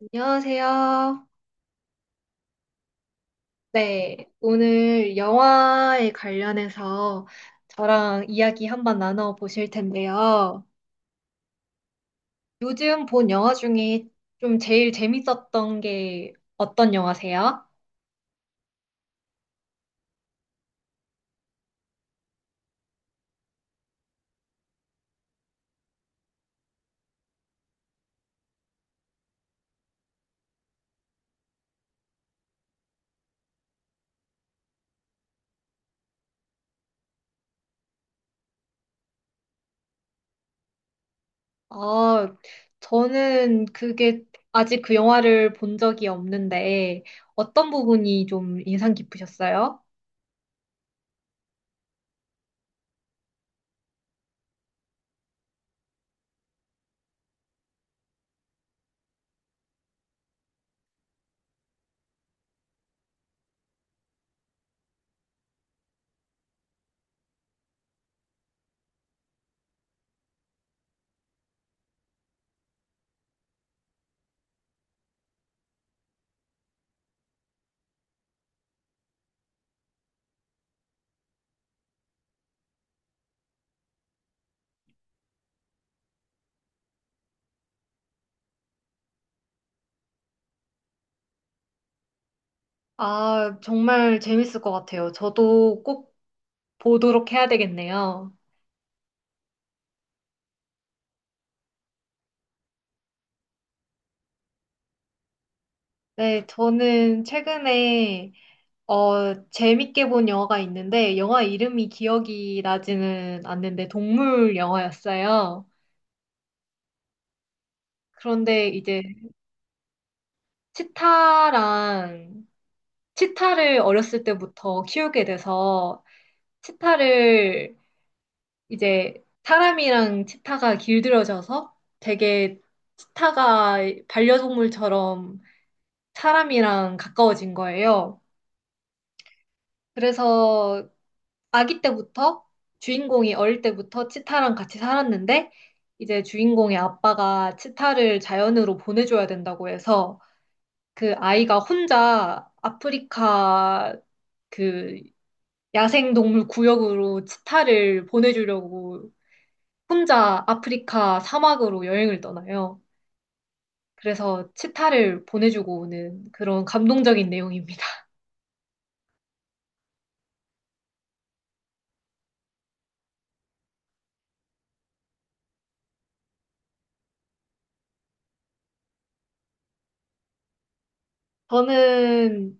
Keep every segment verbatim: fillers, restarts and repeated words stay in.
안녕하세요. 네, 오늘 영화에 관련해서 저랑 이야기 한번 나눠 보실 텐데요. 요즘 본 영화 중에 좀 제일 재밌었던 게 어떤 영화세요? 아, 저는 그게 아직 그 영화를 본 적이 없는데 어떤 부분이 좀 인상 깊으셨어요? 아, 정말 재밌을 것 같아요. 저도 꼭 보도록 해야 되겠네요. 네, 저는 최근에 어, 재밌게 본 영화가 있는데, 영화 이름이 기억이 나지는 않는데, 동물 영화였어요. 그런데 이제 치타랑, 치타를 어렸을 때부터 키우게 돼서, 치타를 이제 사람이랑 치타가 길들여져서 되게 치타가 반려동물처럼 사람이랑 가까워진 거예요. 그래서 아기 때부터 주인공이 어릴 때부터 치타랑 같이 살았는데 이제 주인공의 아빠가 치타를 자연으로 보내줘야 된다고 해서 그 아이가 혼자 아프리카 그 야생동물 구역으로 치타를 보내주려고 혼자 아프리카 사막으로 여행을 떠나요. 그래서 치타를 보내주고 오는 그런 감동적인 내용입니다. 저는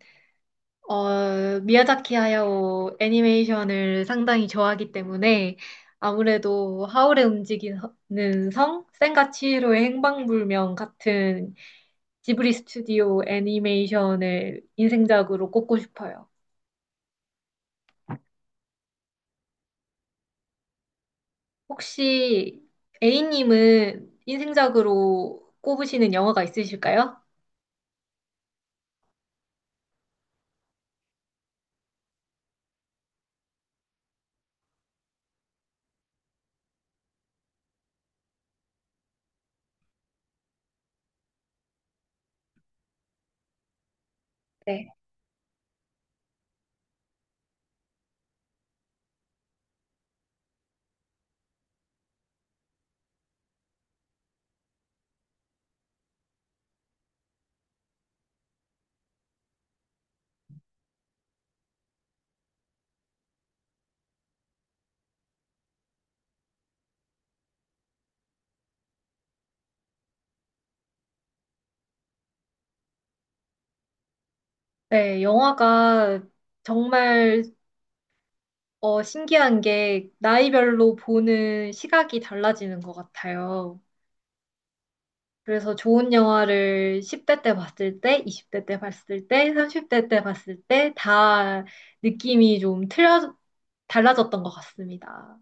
어, 미야자키 하야오 애니메이션을 상당히 좋아하기 때문에 아무래도 하울의 움직이는 성, 센과 치히로의 행방불명 같은 지브리 스튜디오 애니메이션을 인생작으로 꼽고 싶어요. 혹시 A님은 인생작으로 꼽으시는 영화가 있으실까요? 네. 네, 영화가 정말 어, 신기한 게 나이별로 보는 시각이 달라지는 것 같아요. 그래서 좋은 영화를 십 대 때 봤을 때, 이십 대 때 봤을 때, 삼십 대 때 봤을 때 다 느낌이 좀 틀려, 달라졌던 것 같습니다.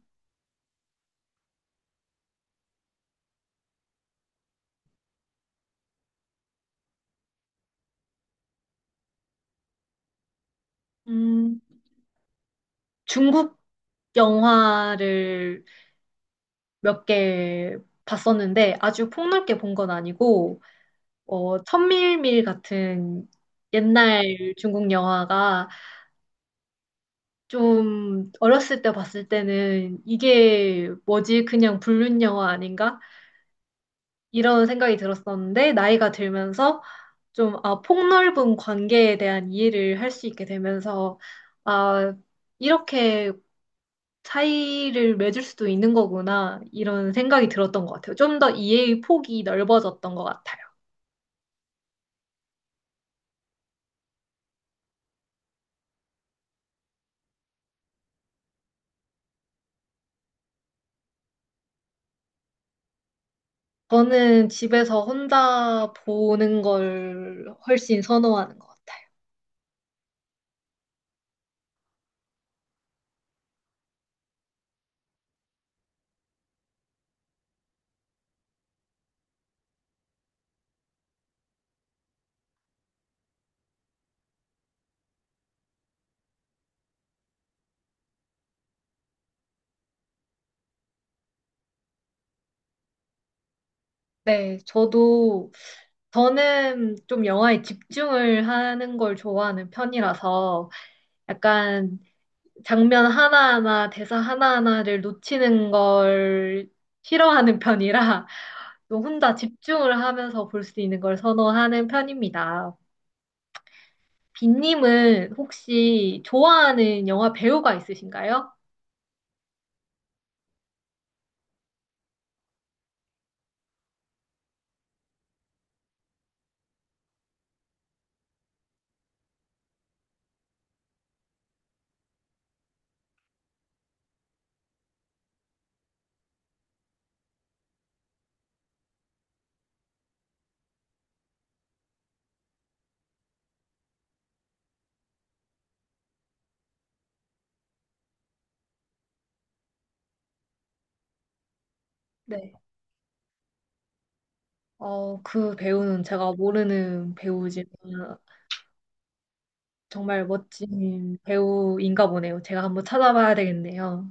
음, 중국 영화를 몇 개 봤었는데 아주 폭넓게 본 건 아니고, 어, 천밀밀 같은 옛날 중국 영화가 좀 어렸을 때 봤을 때는 이게 뭐지? 그냥 불륜 영화 아닌가? 이런 생각이 들었었는데, 나이가 들면서 좀, 아, 폭넓은 관계에 대한 이해를 할 수 있게 되면서, 아, 이렇게 차이를 맺을 수도 있는 거구나, 이런 생각이 들었던 것 같아요. 좀 더 이해의 폭이 넓어졌던 것 같아요. 저는 집에서 혼자 보는 걸 훨씬 선호하는 것 같아요. 네, 저도, 저는 좀 영화에 집중을 하는 걸 좋아하는 편이라서, 약간 장면 하나하나, 대사 하나하나를 놓치는 걸 싫어하는 편이라 좀 혼자 집중을 하면서 볼 수 있는 걸 선호하는 편입니다. 빈님은 혹시 좋아하는 영화 배우가 있으신가요? 네. 어, 그 배우는 제가 모르는 배우지만 정말 멋진 배우인가 보네요. 제가 한번 찾아봐야 되겠네요.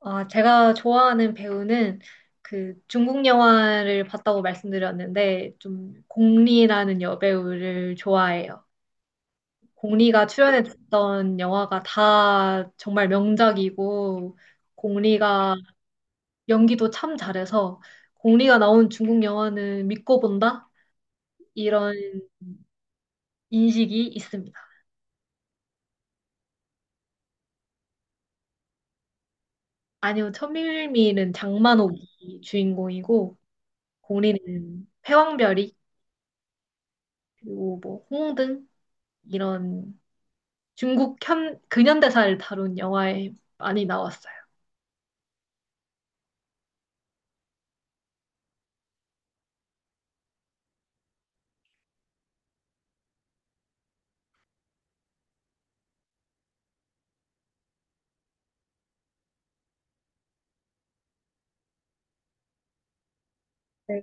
아, 제가 좋아하는 배우는 그 중국 영화를 봤다고 말씀드렸는데 좀 공리라는 여배우를 좋아해요. 공리가 출연했던 영화가 다 정말 명작이고 공리가 연기도 참 잘해서 공리가 나온 중국 영화는 믿고 본다? 이런 인식이 있습니다. 아니요, 천밀밀은 장만옥이 주인공이고 공리는 패왕별이 그리고 뭐 홍등 이런 중국 현, 근현대사를 다룬 영화에 많이 나왔어요. 네.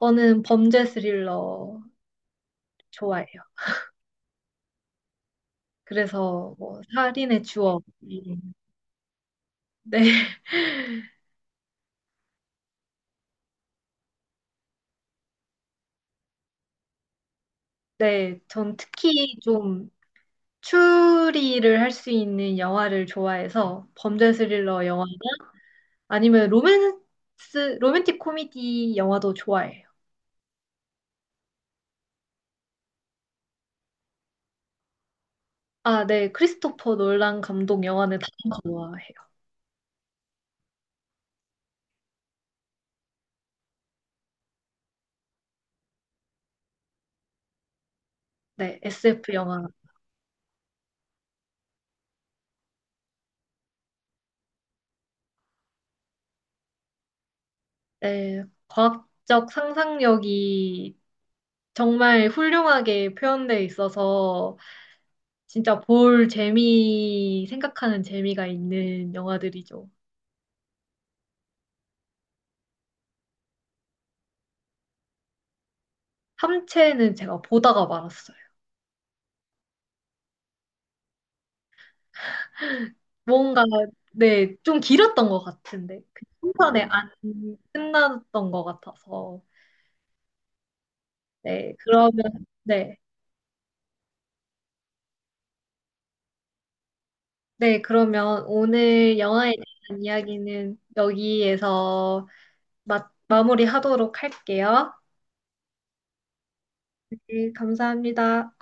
저는 범죄 스릴러 좋아해요. 그래서 뭐 살인의 추억이 네, 네, 전 특히 좀 추리를 할 수 있는 영화를 좋아해서 범죄 스릴러 영화 아니면 로맨스 로맨틱 코미디 영화도 좋아해요. 아, 네, 크리스토퍼 놀란 감독 영화는 다 좋아해요. 네, 에스에프 영화. 네, 과학적 상상력이 정말 훌륭하게 표현되어 있어서 진짜 볼 재미, 생각하는 재미가 있는 영화들이죠. 함체는 제가 보다가 말았어요. 뭔가, 네, 좀 길었던 것 같은데. 그 한편에 안 끝났던 것 같아서. 네, 그러면, 네. 네, 그러면 오늘 영화에 대한 이야기는 여기에서 마, 마무리하도록 할게요. 네, 감사합니다.